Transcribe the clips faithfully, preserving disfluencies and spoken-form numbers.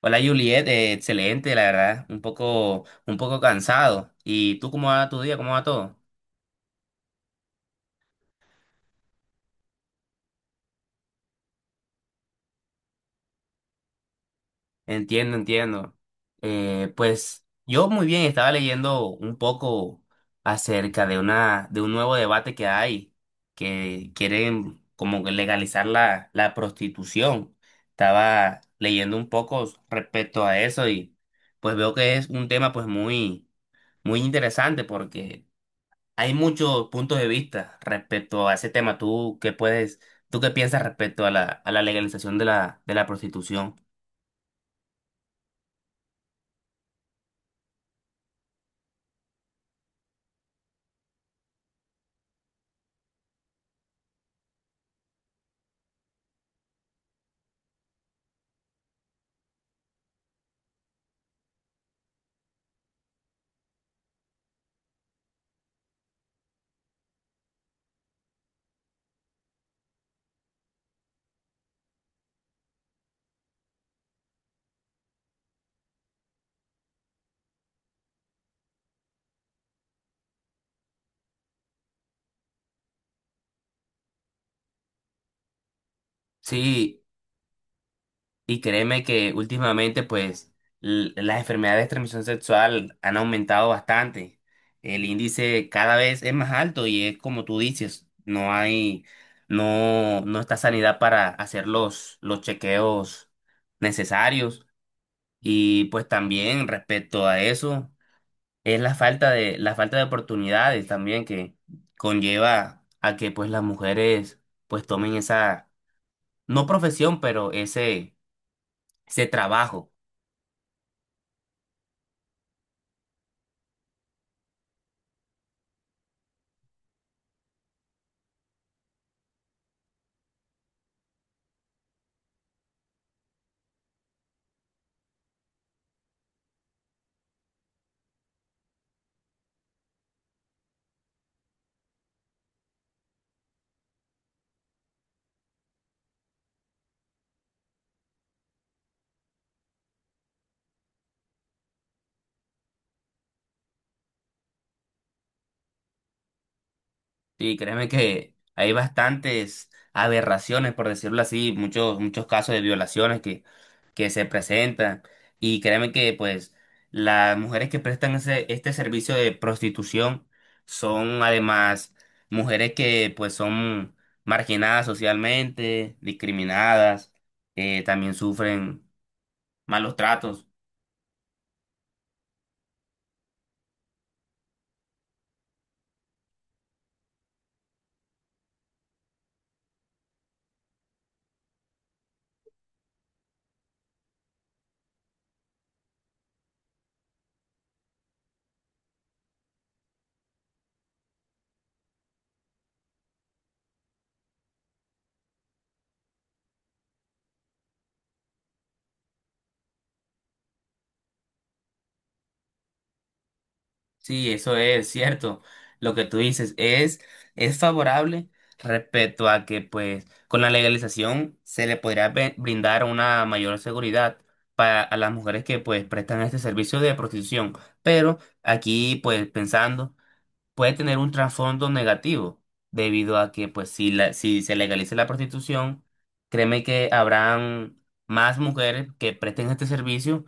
Hola Juliet, eh, excelente, la verdad, un poco, un poco cansado. ¿Y tú cómo va tu día? ¿Cómo va todo? Entiendo, entiendo. Eh, pues yo muy bien, estaba leyendo un poco acerca de una, de un nuevo debate que hay, que quieren como que legalizar la, la prostitución. Estaba leyendo un poco respecto a eso y pues veo que es un tema pues muy, muy interesante porque hay muchos puntos de vista respecto a ese tema. ¿Tú qué puedes, tú qué piensas respecto a la, a la legalización de la, de la prostitución? Sí, y créeme que últimamente, pues, l- las enfermedades de transmisión sexual han aumentado bastante. El índice cada vez es más alto y es como tú dices, no hay, no, no está sanidad para hacer los, los chequeos necesarios. Y pues también respecto a eso, es la falta de, la falta de oportunidades también que conlleva a que pues las mujeres pues tomen esa, no profesión, pero ese, ese trabajo. Sí, créeme que hay bastantes aberraciones, por decirlo así, muchos, muchos casos de violaciones que, que se presentan. Y créeme que, pues, las mujeres que prestan ese, este servicio de prostitución son además mujeres que, pues, son marginadas socialmente, discriminadas, eh, también sufren malos tratos. Sí, eso es cierto. Lo que tú dices es, es favorable respecto a que, pues, con la legalización se le podría be- brindar una mayor seguridad para a las mujeres que, pues, prestan este servicio de prostitución. Pero aquí, pues, pensando, puede tener un trasfondo negativo, debido a que, pues, si, la, si se legaliza la prostitución, créeme que habrán más mujeres que presten este servicio,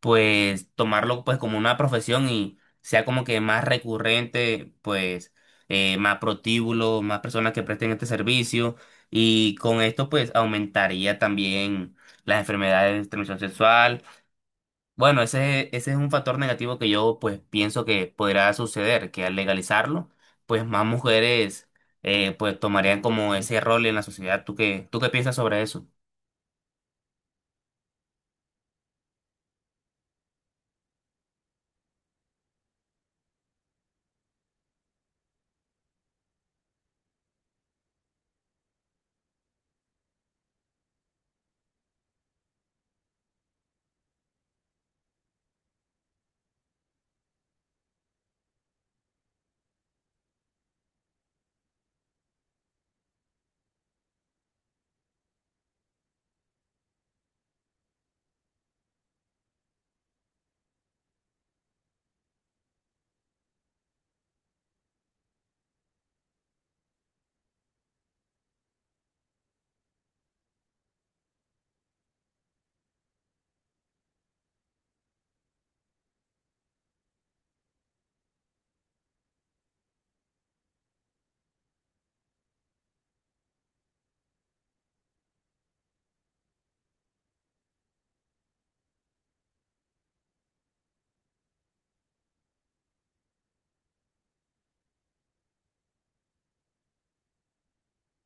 pues, tomarlo, pues, como una profesión y sea como que más recurrente, pues, eh, más protíbulos, más personas que presten este servicio, y con esto, pues, aumentaría también las enfermedades de transmisión sexual. Bueno, ese, ese es un factor negativo que yo pues pienso que podrá suceder, que al legalizarlo, pues más mujeres eh, pues tomarían como ese rol en la sociedad. ¿Tú qué, tú qué piensas sobre eso?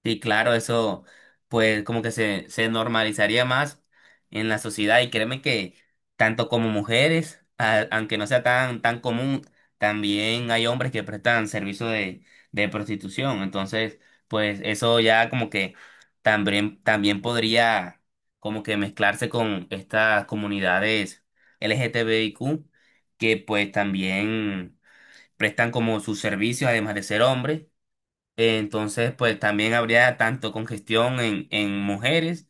Sí, claro, eso pues como que se, se normalizaría más en la sociedad, y créeme que tanto como mujeres, a- aunque no sea tan, tan común, también hay hombres que prestan servicio de, de prostitución. Entonces, pues eso ya como que también, también podría como que mezclarse con estas comunidades LGTBIQ que pues también prestan como sus servicios además de ser hombres. Entonces, pues también habría tanto congestión en, en mujeres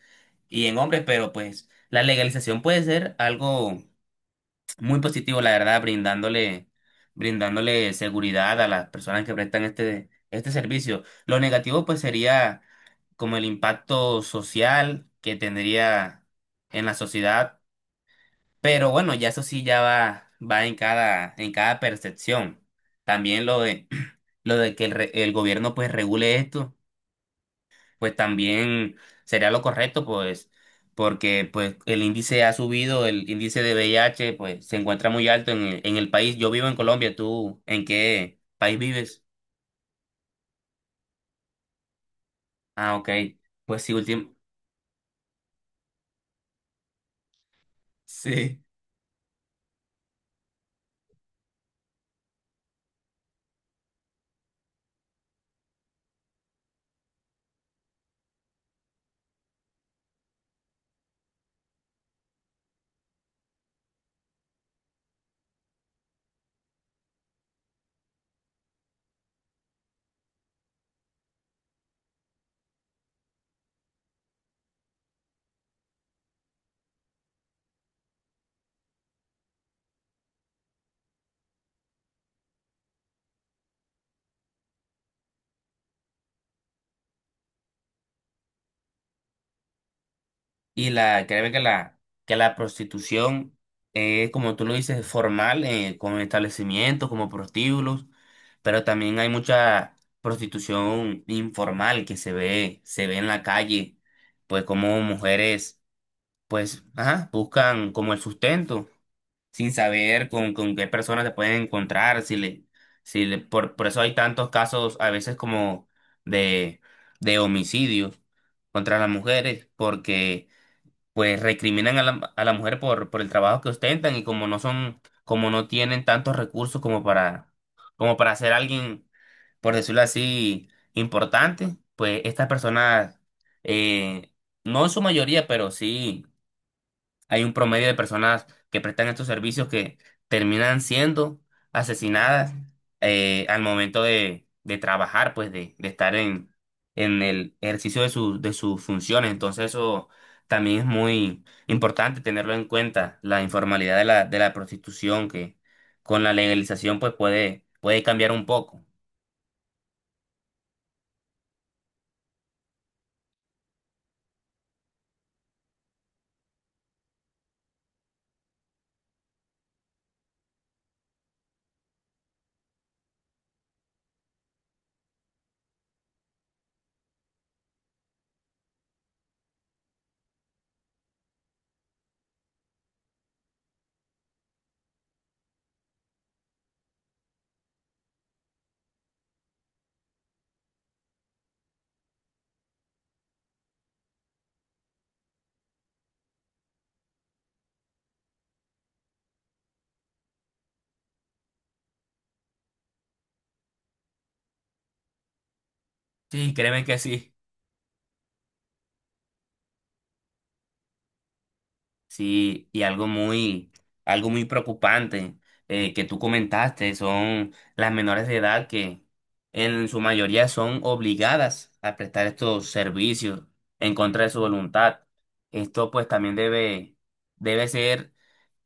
y en hombres, pero pues la legalización puede ser algo muy positivo, la verdad, brindándole, brindándole seguridad a las personas que prestan este, este servicio. Lo negativo, pues, sería como el impacto social que tendría en la sociedad, pero bueno, ya eso sí ya va, va en cada, en cada percepción. También lo de, lo de que el, re- el gobierno pues regule esto, pues también sería lo correcto, pues, porque pues el índice ha subido, el índice de V I H, pues, se encuentra muy alto en el, en el país. Yo vivo en Colombia, ¿tú en qué país vives? Ah, ok. Pues sí, último. Sí. Y la, créeme que la, que la prostitución es, como tú lo dices, formal, eh, con establecimientos, como prostíbulos, pero también hay mucha prostitución informal que se ve, se ve en la calle, pues como mujeres, pues, ajá, buscan como el sustento, sin saber con, con qué personas se pueden encontrar, si le, si le, por, por eso hay tantos casos a veces como de, de homicidios contra las mujeres, porque pues recriminan a la, a la mujer por, por el trabajo que ostentan, y como no son, como no tienen tantos recursos como para, como para ser alguien, por decirlo así, importante, pues estas personas, eh, no en su mayoría, pero sí hay un promedio de personas que prestan estos servicios que terminan siendo asesinadas, eh, al momento de, de trabajar, pues de, de estar en, en el ejercicio de, su- de sus funciones. Entonces eso también es muy importante tenerlo en cuenta, la informalidad de la, de la prostitución que con la legalización pues puede, puede cambiar un poco. Sí, créeme que sí. Sí, y algo muy, algo muy preocupante eh, que tú comentaste son las menores de edad que en su mayoría son obligadas a prestar estos servicios en contra de su voluntad. Esto pues también debe, debe ser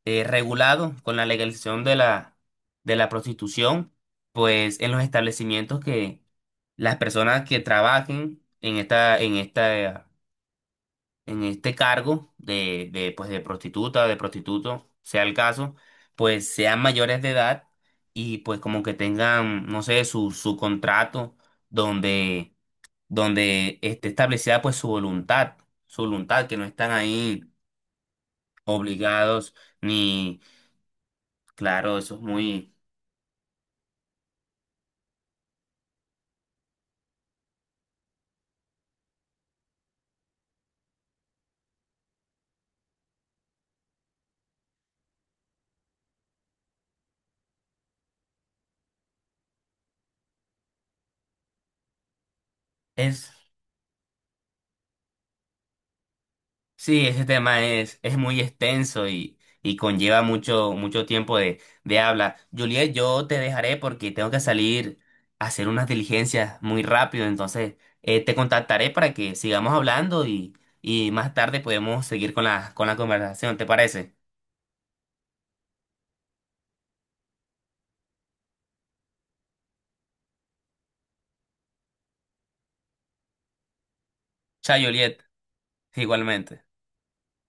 eh, regulado con la legalización de la, de la prostitución, pues en los establecimientos que las personas que trabajen en esta, en esta en este cargo de, de, pues de prostituta, de prostituto, sea el caso, pues sean mayores de edad, y pues como que tengan, no sé, su, su contrato donde, donde esté establecida pues su voluntad, su voluntad, que no están ahí obligados ni, claro, eso es muy... Es, sí, ese tema es, es muy extenso y, y conlleva mucho, mucho tiempo de, de habla. Juliet, yo te dejaré porque tengo que salir a hacer unas diligencias muy rápido, entonces eh, te contactaré para que sigamos hablando, y, y más tarde podemos seguir con la, con la conversación, ¿te parece? Chao, Juliet, igualmente.